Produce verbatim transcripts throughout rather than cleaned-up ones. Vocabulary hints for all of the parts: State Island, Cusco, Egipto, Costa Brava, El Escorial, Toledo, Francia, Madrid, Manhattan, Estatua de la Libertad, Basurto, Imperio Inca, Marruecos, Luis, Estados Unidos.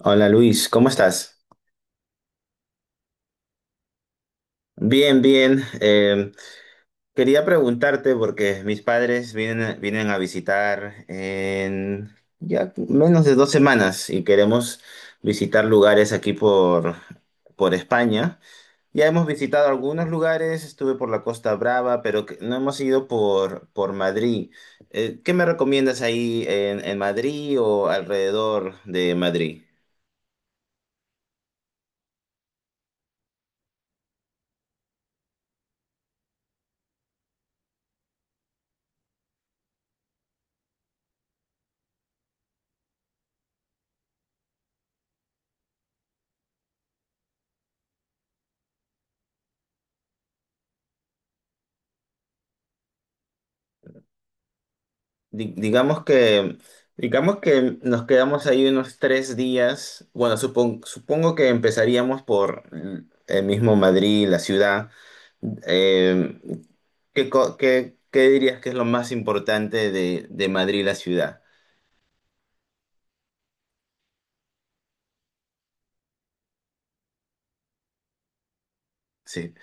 Hola Luis, ¿cómo estás? Bien, bien. Eh, quería preguntarte porque mis padres vienen, vienen a visitar en ya menos de dos semanas y queremos visitar lugares aquí por, por España. Ya hemos visitado algunos lugares, estuve por la Costa Brava, pero que- no hemos ido por, por Madrid. Eh, ¿qué me recomiendas ahí en, en Madrid o alrededor de Madrid? Di- Digamos que, digamos que nos quedamos ahí unos tres días. Bueno, supon- supongo que empezaríamos por mm, el mismo Madrid, la ciudad. Eh, ¿qué, co- qué- qué dirías que es lo más importante de, de Madrid, la ciudad? Sí.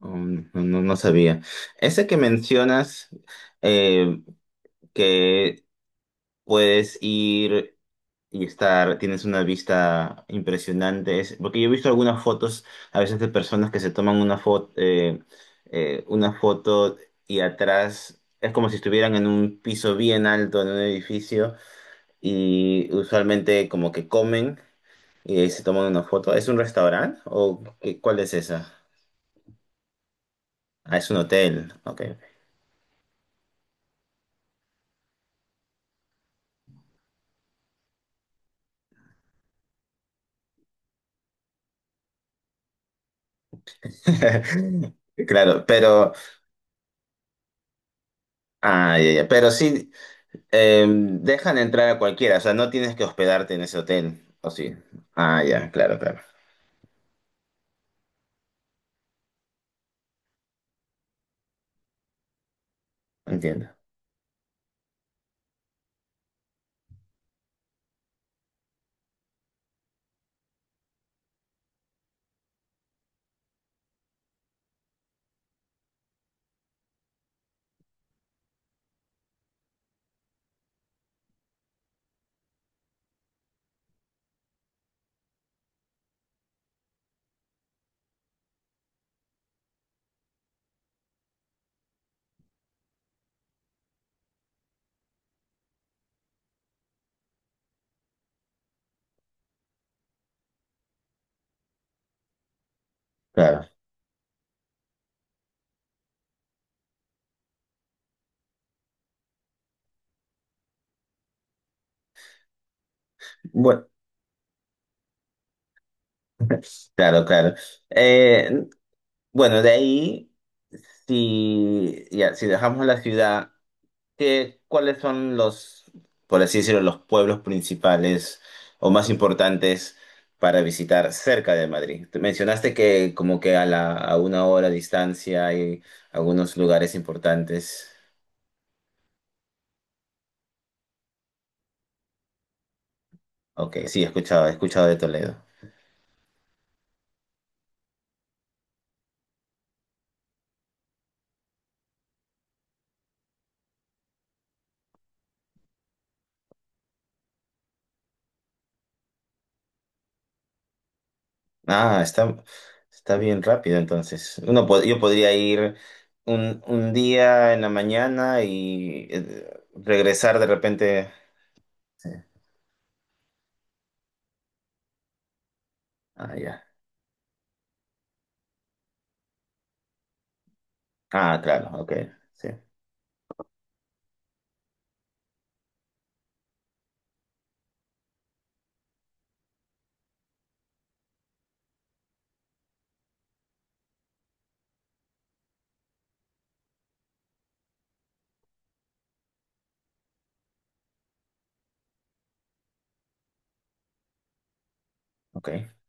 Um, no, no- no sabía. Ese que mencionas, eh, que puedes ir y estar, tienes una vista impresionante. Es- porque yo he visto algunas fotos a veces de personas que se toman una foto, una foto, y atrás es como si estuvieran en un piso bien alto, en un edificio, y usualmente como que comen y de ahí se toman una foto. ¿Es un restaurante o qué- cuál es esa? Ah, es un hotel, ok. Claro, pero, ah, ya, ya. Pero sí, Eh, dejan entrar a cualquiera, o sea, no tienes que hospedarte en ese hotel, ¿o sí? Ah, ya, claro, claro, entiendo, claro. Bueno, claro, claro. Eh, bueno, de ahí, si, ya, si dejamos la ciudad, ¿qué, cuáles son los, por así decirlo, los pueblos principales o más importantes para visitar cerca de Madrid? Te mencionaste que como que a la, a una hora de distancia hay algunos lugares importantes. Ok, sí, he escuchado, he escuchado de Toledo. Ah, está, está bien rápido entonces. Uno po- yo podría ir un, un día en la mañana y eh, regresar de repente. Sí. Ah, ya. Ah, claro, ok, sí, ok.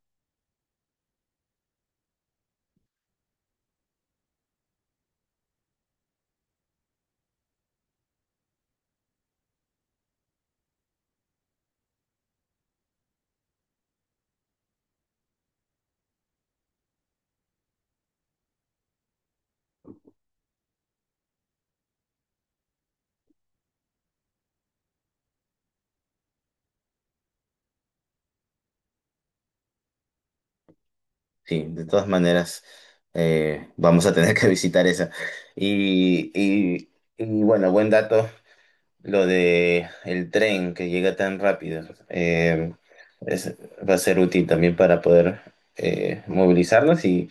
Sí, de todas maneras, eh, vamos a tener que visitar esa. Y, y, y bueno, buen dato. Lo de el tren que llega tan rápido eh, es- va a ser útil también para poder eh, movilizarnos y,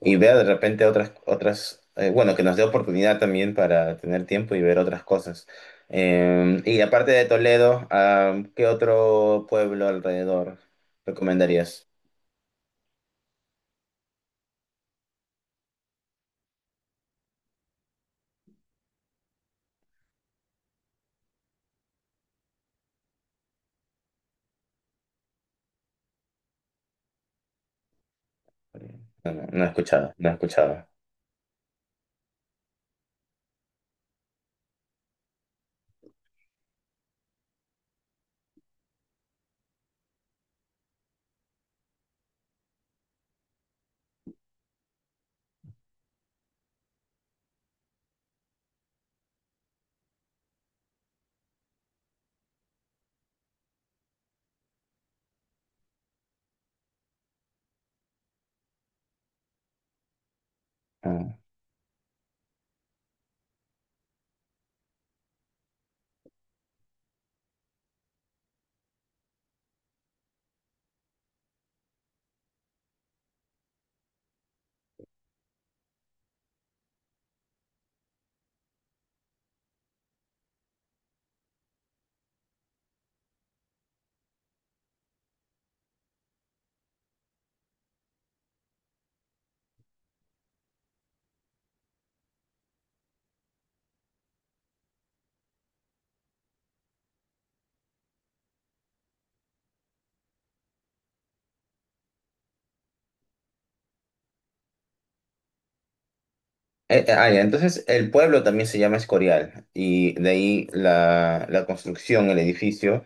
y ver de repente otras, otras eh, bueno, que nos dé oportunidad también para tener tiempo y ver otras cosas. Eh, y aparte de Toledo, ah, ¿qué otro pueblo alrededor recomendarías? No, no, no he escuchado, no he escuchado. Ah, Eh, eh, ah, ya, entonces el pueblo también se llama Escorial y de ahí la, la construcción, el edificio.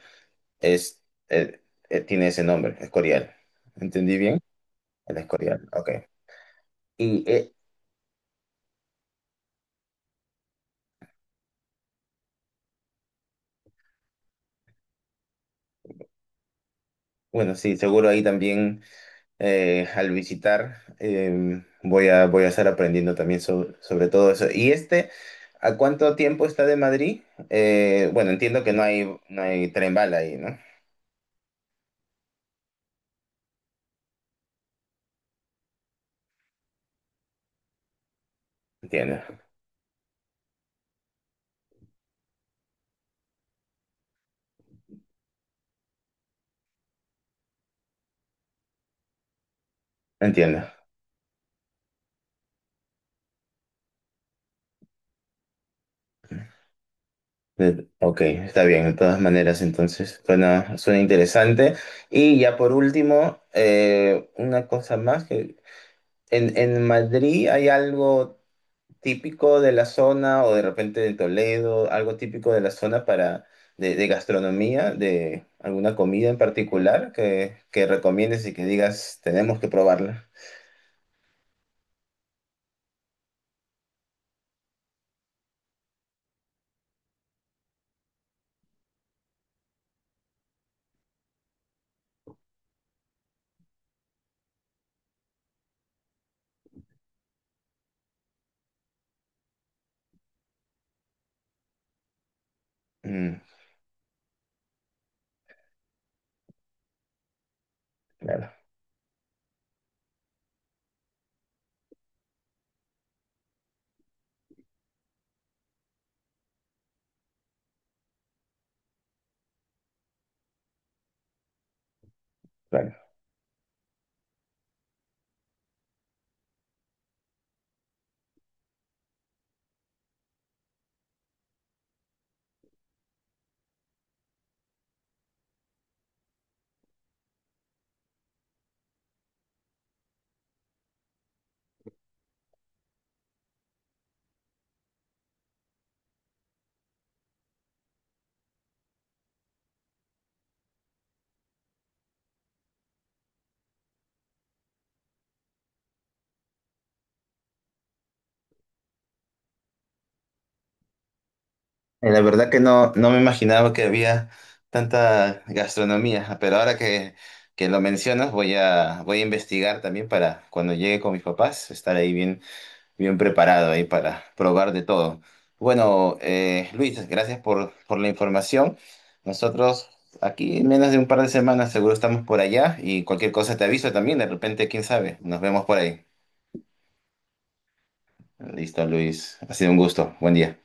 Es, eh, eh, tiene ese nombre, Escorial. ¿Entendí bien? El Escorial, ok. Y eh, bueno, sí, seguro ahí también eh, al visitar eh, voy a, voy a estar aprendiendo también sobre, sobre todo eso. ¿Y este, a cuánto tiempo está de Madrid? Eh, bueno, entiendo que no hay, no hay tren bala ahí, ¿no? Entiendo, entiendo. Eh, Ok, está bien, de todas maneras, entonces suena, suena interesante. Y ya por último, eh, una cosa más que En, en Madrid hay algo típico de la zona o de repente de Toledo, algo típico de la zona para de, de gastronomía, de alguna comida en particular que, que recomiendes y que digas, tenemos que probarla. Mm, claro, claro. Eh, La verdad que no, no me imaginaba que había tanta gastronomía, pero ahora que, que lo mencionas voy a, voy a investigar también para cuando llegue con mis papás, estar ahí bien, bien preparado ahí para probar de todo. Bueno, eh, Luis, gracias por, por la información. Nosotros aquí en menos de un par de semanas seguro estamos por allá y cualquier cosa te aviso también. De repente, quién sabe, nos vemos por ahí. Listo, Luis. Ha sido un gusto. Buen día.